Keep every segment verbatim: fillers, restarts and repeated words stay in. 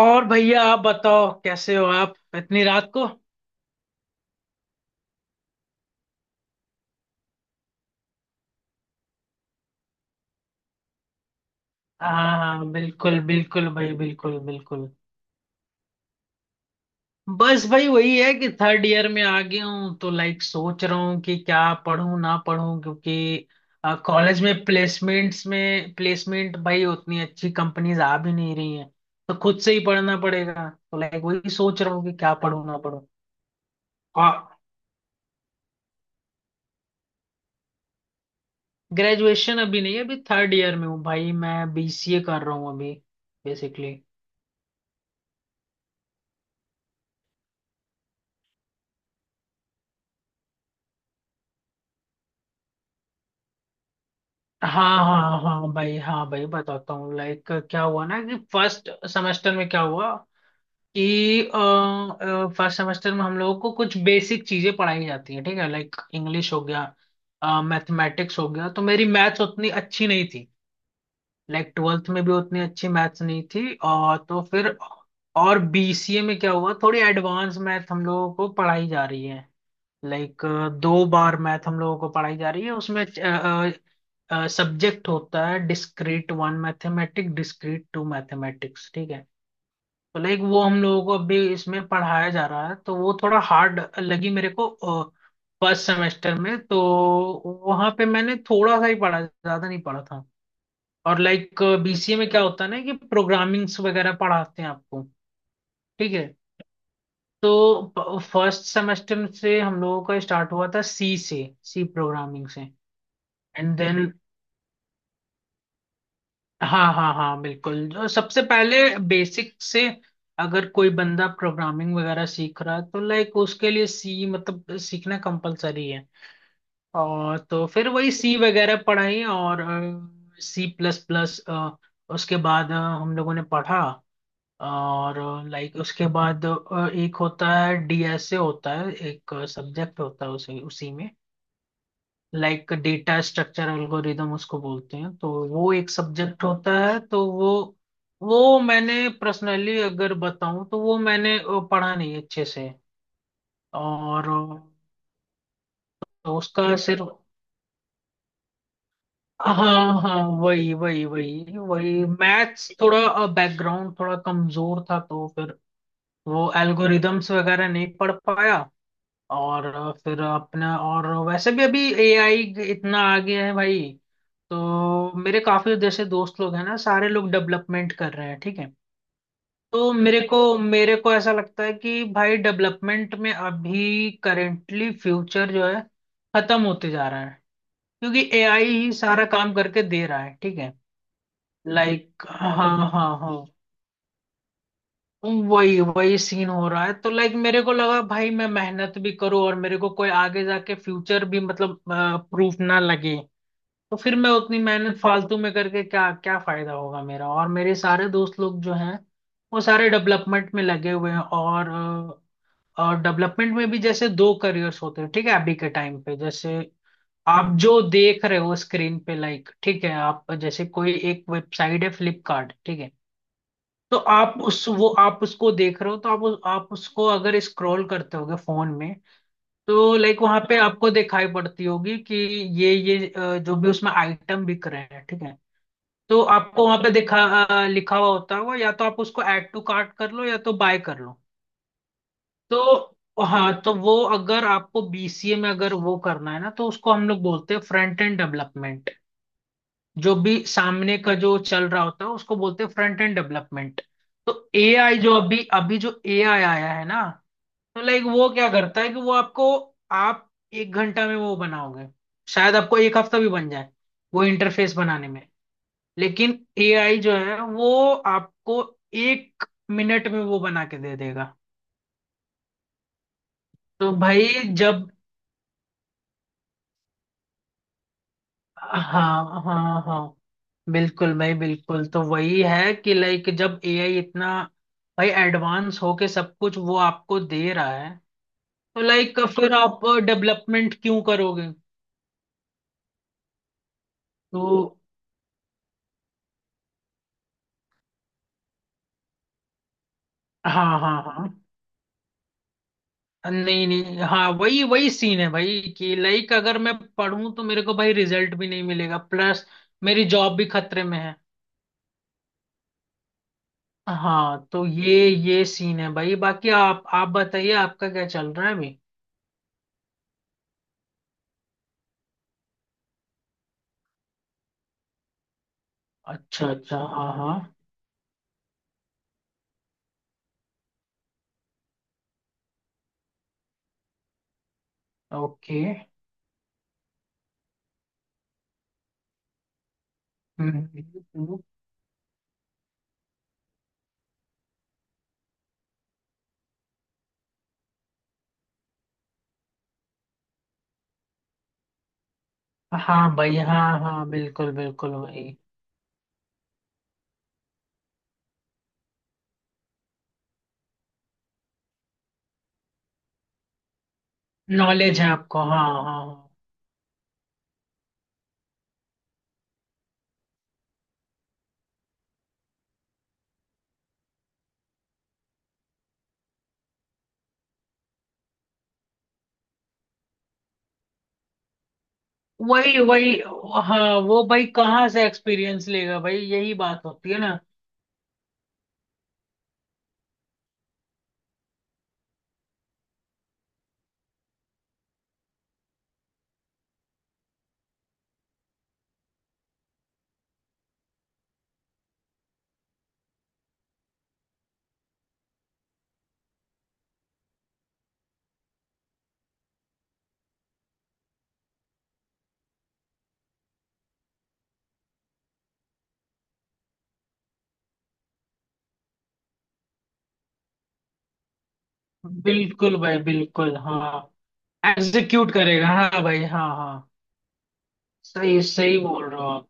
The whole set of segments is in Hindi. और भैया आप बताओ, कैसे हो आप इतनी रात को? हाँ हाँ, बिल्कुल बिल्कुल भाई, बिल्कुल बिल्कुल। बस भाई वही है कि थर्ड ईयर में आ गया हूँ तो लाइक सोच रहा हूँ कि क्या पढूं ना पढूं, क्योंकि कॉलेज में प्लेसमेंट्स में प्लेसमेंट भाई उतनी अच्छी कंपनीज आ भी नहीं रही हैं। तो खुद से ही पढ़ना पड़ेगा तो लाइक वही सोच रहा हूँ कि क्या पढूं ना पढूं। और ग्रेजुएशन अभी नहीं है, अभी थर्ड ईयर में हूँ भाई, मैं बीसीए कर रहा हूँ अभी। बेसिकली हाँ हाँ हाँ भाई, हाँ भाई बताता हूँ। लाइक क्या हुआ ना कि फर्स्ट सेमेस्टर में क्या हुआ कि फर्स्ट सेमेस्टर में हम लोगों को कुछ बेसिक चीजें पढ़ाई जाती हैं, ठीक है। लाइक इंग्लिश हो गया, मैथमेटिक्स हो गया, तो मेरी मैथ्स उतनी अच्छी नहीं थी। लाइक ट्वेल्थ में भी उतनी अच्छी मैथ्स नहीं थी, और तो फिर और बीसीए में क्या हुआ, थोड़ी एडवांस मैथ हम लोगों को पढ़ाई जा रही है। लाइक दो बार मैथ हम लोगों को पढ़ाई जा रही है उसमें। सब्जेक्ट होता है discrete one mathematic discrete two mathematics, ठीक है। तो लाइक वो हम लोगों को अभी इसमें पढ़ाया जा रहा है, तो वो थोड़ा हार्ड लगी मेरे को फर्स्ट सेमेस्टर में, तो वहां पे मैंने थोड़ा सा ही पढ़ा, ज्यादा नहीं पढ़ा था। और लाइक बीसीए में क्या होता है ना कि प्रोग्रामिंग्स वगैरह पढ़ाते हैं आपको, ठीक है। तो फर्स्ट सेमेस्टर से हम लोगों का स्टार्ट हुआ था सी से, सी प्रोग्रामिंग से। एंड देन हाँ हाँ हाँ बिल्कुल, जो सबसे पहले बेसिक से, अगर कोई बंदा प्रोग्रामिंग वगैरह सीख रहा है तो लाइक उसके लिए सी मतलब सीखना कंपलसरी है। और तो फिर वही सी वगैरह पढ़ाई और सी प्लस प्लस उसके बाद अ, हम लोगों ने पढ़ा। और लाइक उसके बाद अ, एक होता है डीएसए, होता है एक सब्जेक्ट होता है उसी उसी में। लाइक डेटा स्ट्रक्चर एल्गोरिदम उसको बोलते हैं, तो वो एक सब्जेक्ट होता है, तो वो वो मैंने पर्सनली अगर बताऊं तो वो मैंने अ, पढ़ा नहीं अच्छे से। और अ, तो उसका सिर्फ हाँ हाँ, वही वही वही वही मैथ्स थोड़ा बैकग्राउंड थोड़ा कमजोर था तो फिर वो एल्गोरिदम्स वगैरह नहीं पढ़ पाया। और फिर अपना, और वैसे भी अभी एआई इतना आ गया है भाई, तो मेरे काफी जैसे दोस्त लोग हैं ना, सारे लोग डेवलपमेंट कर रहे हैं, ठीक है। तो मेरे को मेरे को ऐसा लगता है कि भाई डेवलपमेंट में अभी करेंटली फ्यूचर जो है खत्म होते जा रहा है, क्योंकि एआई ही सारा काम करके दे रहा है, ठीक है। लाइक हाँ, हाँ हाँ, वही वही सीन हो रहा है, तो लाइक मेरे को लगा भाई मैं मेहनत भी करूँ और मेरे को कोई आगे जाके फ्यूचर भी मतलब प्रूफ ना लगे, तो फिर मैं उतनी मेहनत फालतू में करके क्या, क्या फायदा होगा मेरा। और मेरे सारे दोस्त लोग जो हैं वो सारे डेवलपमेंट में लगे हुए हैं। और अ, और डेवलपमेंट में भी जैसे दो करियर्स होते हैं, ठीक है। अभी के टाइम पे जैसे आप जो देख रहे हो स्क्रीन पे, लाइक ठीक है, आप जैसे कोई एक वेबसाइट है फ्लिपकार्ट, ठीक है। तो आप उस वो आप उसको देख रहे हो, तो आप उस- आप उसको अगर स्क्रॉल करते होगे फोन में, तो लाइक वहां पे आपको दिखाई पड़ती होगी कि ये ये अ, जो भी उसमें आइटम बिक रहे हैं, ठीक है। तो आपको वहां पे दिखा अ, लिखा हुआ होता होगा, या तो आप उसको ऐड टू कार्ट कर लो या तो बाय कर लो। तो हाँ, तो वो अगर आपको बीसीए में अगर वो करना है ना, तो उसको हम लोग बोलते हैं फ्रंट एंड डेवलपमेंट। जो भी सामने का जो चल रहा होता है उसको बोलते हैं फ्रंट एंड डेवलपमेंट। तो एआई जो अभी अभी जो एआई आया है ना, तो लाइक वो क्या करता है कि वो आपको, आप एक घंटा में वो बनाओगे, शायद आपको एक हफ्ता भी बन जाए वो इंटरफेस बनाने में। लेकिन एआई जो है वो आपको एक मिनट में वो बना के दे देगा। तो भाई, जब हाँ हाँ हाँ, बिल्कुल भाई बिल्कुल, तो वही है कि लाइक जब एआई इतना भाई एडवांस होके सब कुछ वो आपको दे रहा है, तो लाइक फिर आप डेवलपमेंट क्यों करोगे। तो हाँ हाँ हाँ, नहीं नहीं, हाँ वही वही सीन है भाई, कि लाइक अगर मैं पढ़ूं तो मेरे को भाई रिजल्ट भी नहीं मिलेगा, प्लस मेरी जॉब भी खतरे में है। हाँ, तो ये ये सीन है भाई, बाकी आप आप बताइए आपका क्या चल रहा है अभी। अच्छा अच्छा, हाँ हाँ, ओके। हम्म। हाँ भाई, हाँ हाँ, बिल्कुल बिल्कुल भाई। नॉलेज है आपको, हाँ हाँ हाँ। वही वही, हाँ वो भाई कहाँ से एक्सपीरियंस लेगा भाई, यही बात होती है ना। बिल्कुल भाई बिल्कुल, हाँ एग्जीक्यूट करेगा, हाँ भाई हाँ हाँ। सही सही बोल रहे हो आप,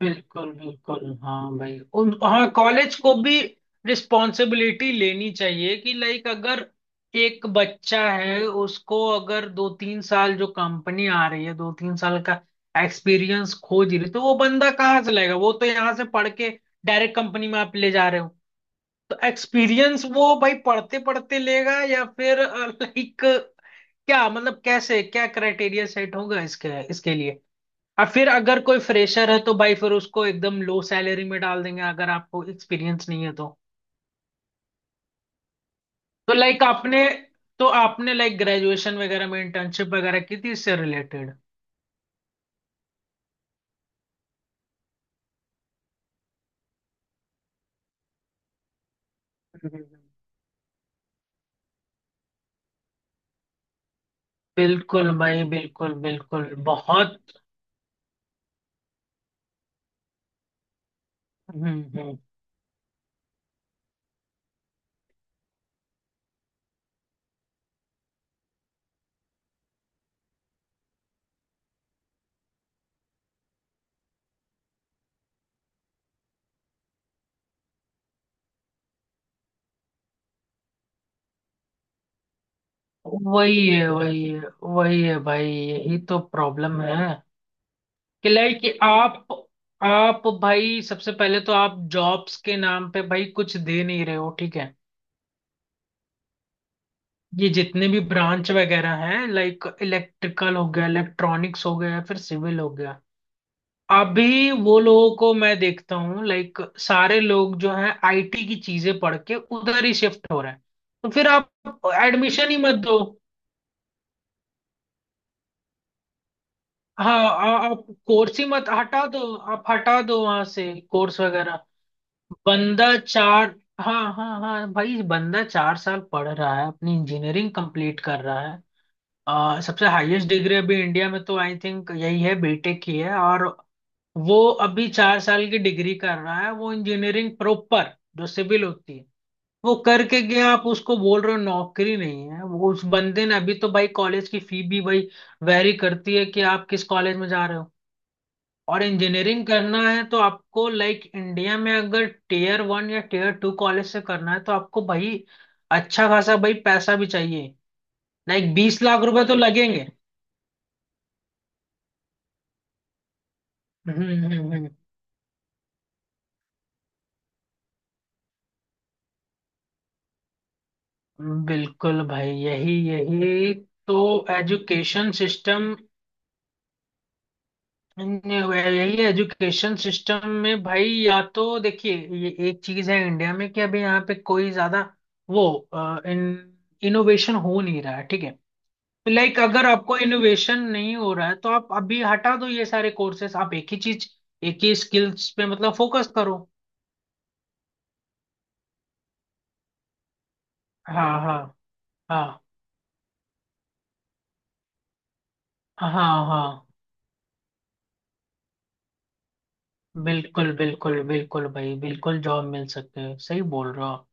बिल्कुल बिल्कुल। हाँ भाई उन, हाँ कॉलेज को भी रिस्पॉन्सिबिलिटी लेनी चाहिए कि लाइक अगर एक बच्चा है उसको, अगर दो तीन साल जो कंपनी आ रही है दो तीन साल का एक्सपीरियंस खोज रही है, तो वो बंदा कहाँ से लाएगा, वो तो यहाँ से पढ़ के डायरेक्ट कंपनी में आप ले जा रहे हो। तो एक्सपीरियंस वो भाई पढ़ते पढ़ते लेगा, या फिर लाइक क्या मतलब कैसे, क्या क्राइटेरिया सेट होगा इसके इसके लिए। अब फिर अगर कोई फ्रेशर है तो भाई फिर उसको एकदम लो सैलरी में डाल देंगे, अगर आपको एक्सपीरियंस नहीं है तो। तो लाइक आपने, तो आपने लाइक ग्रेजुएशन वगैरह में इंटर्नशिप वगैरह की थी इससे रिलेटेड? बिल्कुल भाई बिल्कुल बिल्कुल, बहुत। हम्म हम्म। वही है, वही है, वही है भाई, यही तो प्रॉब्लम है कि लाइक आप, आप भाई सबसे पहले तो आप जॉब्स के नाम पे भाई कुछ दे नहीं रहे हो, ठीक है। ये जितने भी ब्रांच वगैरह हैं लाइक इलेक्ट्रिकल हो गया, इलेक्ट्रॉनिक्स हो गया, फिर सिविल हो गया, अभी वो लोगों को मैं देखता हूँ लाइक सारे लोग जो है आईटी की चीजें पढ़ के उधर ही शिफ्ट हो रहे हैं। तो फिर आप एडमिशन ही मत दो। हाँ, आ- आप कोर्स ही मत हटा दो, आप हटा दो वहां से कोर्स वगैरह। बंदा चार, हाँ हाँ हाँ भाई, बंदा चार साल पढ़ रहा है, अपनी इंजीनियरिंग कंप्लीट कर रहा है। अ, सबसे हाईएस्ट डिग्री अभी इंडिया में तो आई थिंक यही है, बीटेक की है, और वो अभी चार साल की डिग्री कर रहा है, वो इंजीनियरिंग प्रॉपर जो सिविल होती है वो करके गया, आप उसको बोल रहे हो नौकरी नहीं है। वो उस बंदे ने अभी तो भाई, कॉलेज की फी भी भाई वेरी करती है कि आप किस कॉलेज में जा रहे हो। और इंजीनियरिंग करना है तो आपको लाइक इंडिया में अगर टीयर वन या टीयर टू कॉलेज से करना है, तो आपको भाई अच्छा खासा भाई पैसा भी चाहिए। लाइक बीस लाख रुपए तो लगेंगे। हम्म हम्म, हम्म, बिल्कुल भाई, यही यही, तो एजुकेशन सिस्टम, यही एजुकेशन सिस्टम में भाई, या तो देखिए ये एक चीज है इंडिया में कि अभी यहाँ पे कोई ज्यादा वो अ, इन इनोवेशन हो नहीं रहा है, ठीक है। लाइक अगर आपको इनोवेशन नहीं हो रहा है तो आप अभी हटा दो ये सारे कोर्सेस, आप एक ही चीज, एक ही स्किल्स पे मतलब फोकस करो। हाँ हाँ, हाँ हाँ हाँ, बिल्कुल बिल्कुल बिल्कुल भाई बिल्कुल, जॉब मिल सकते हैं, सही बोल रहे हो आप।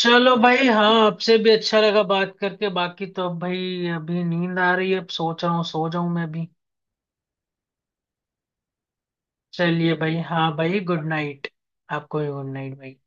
चलो भाई हाँ, आपसे भी अच्छा लगा बात करके, बाकी तो अब भाई अभी नींद आ रही है, अब सोच रहा हूँ सो जाऊं मैं भी। चलिए भाई हाँ भाई, गुड नाइट। आपको भी गुड नाइट भाई।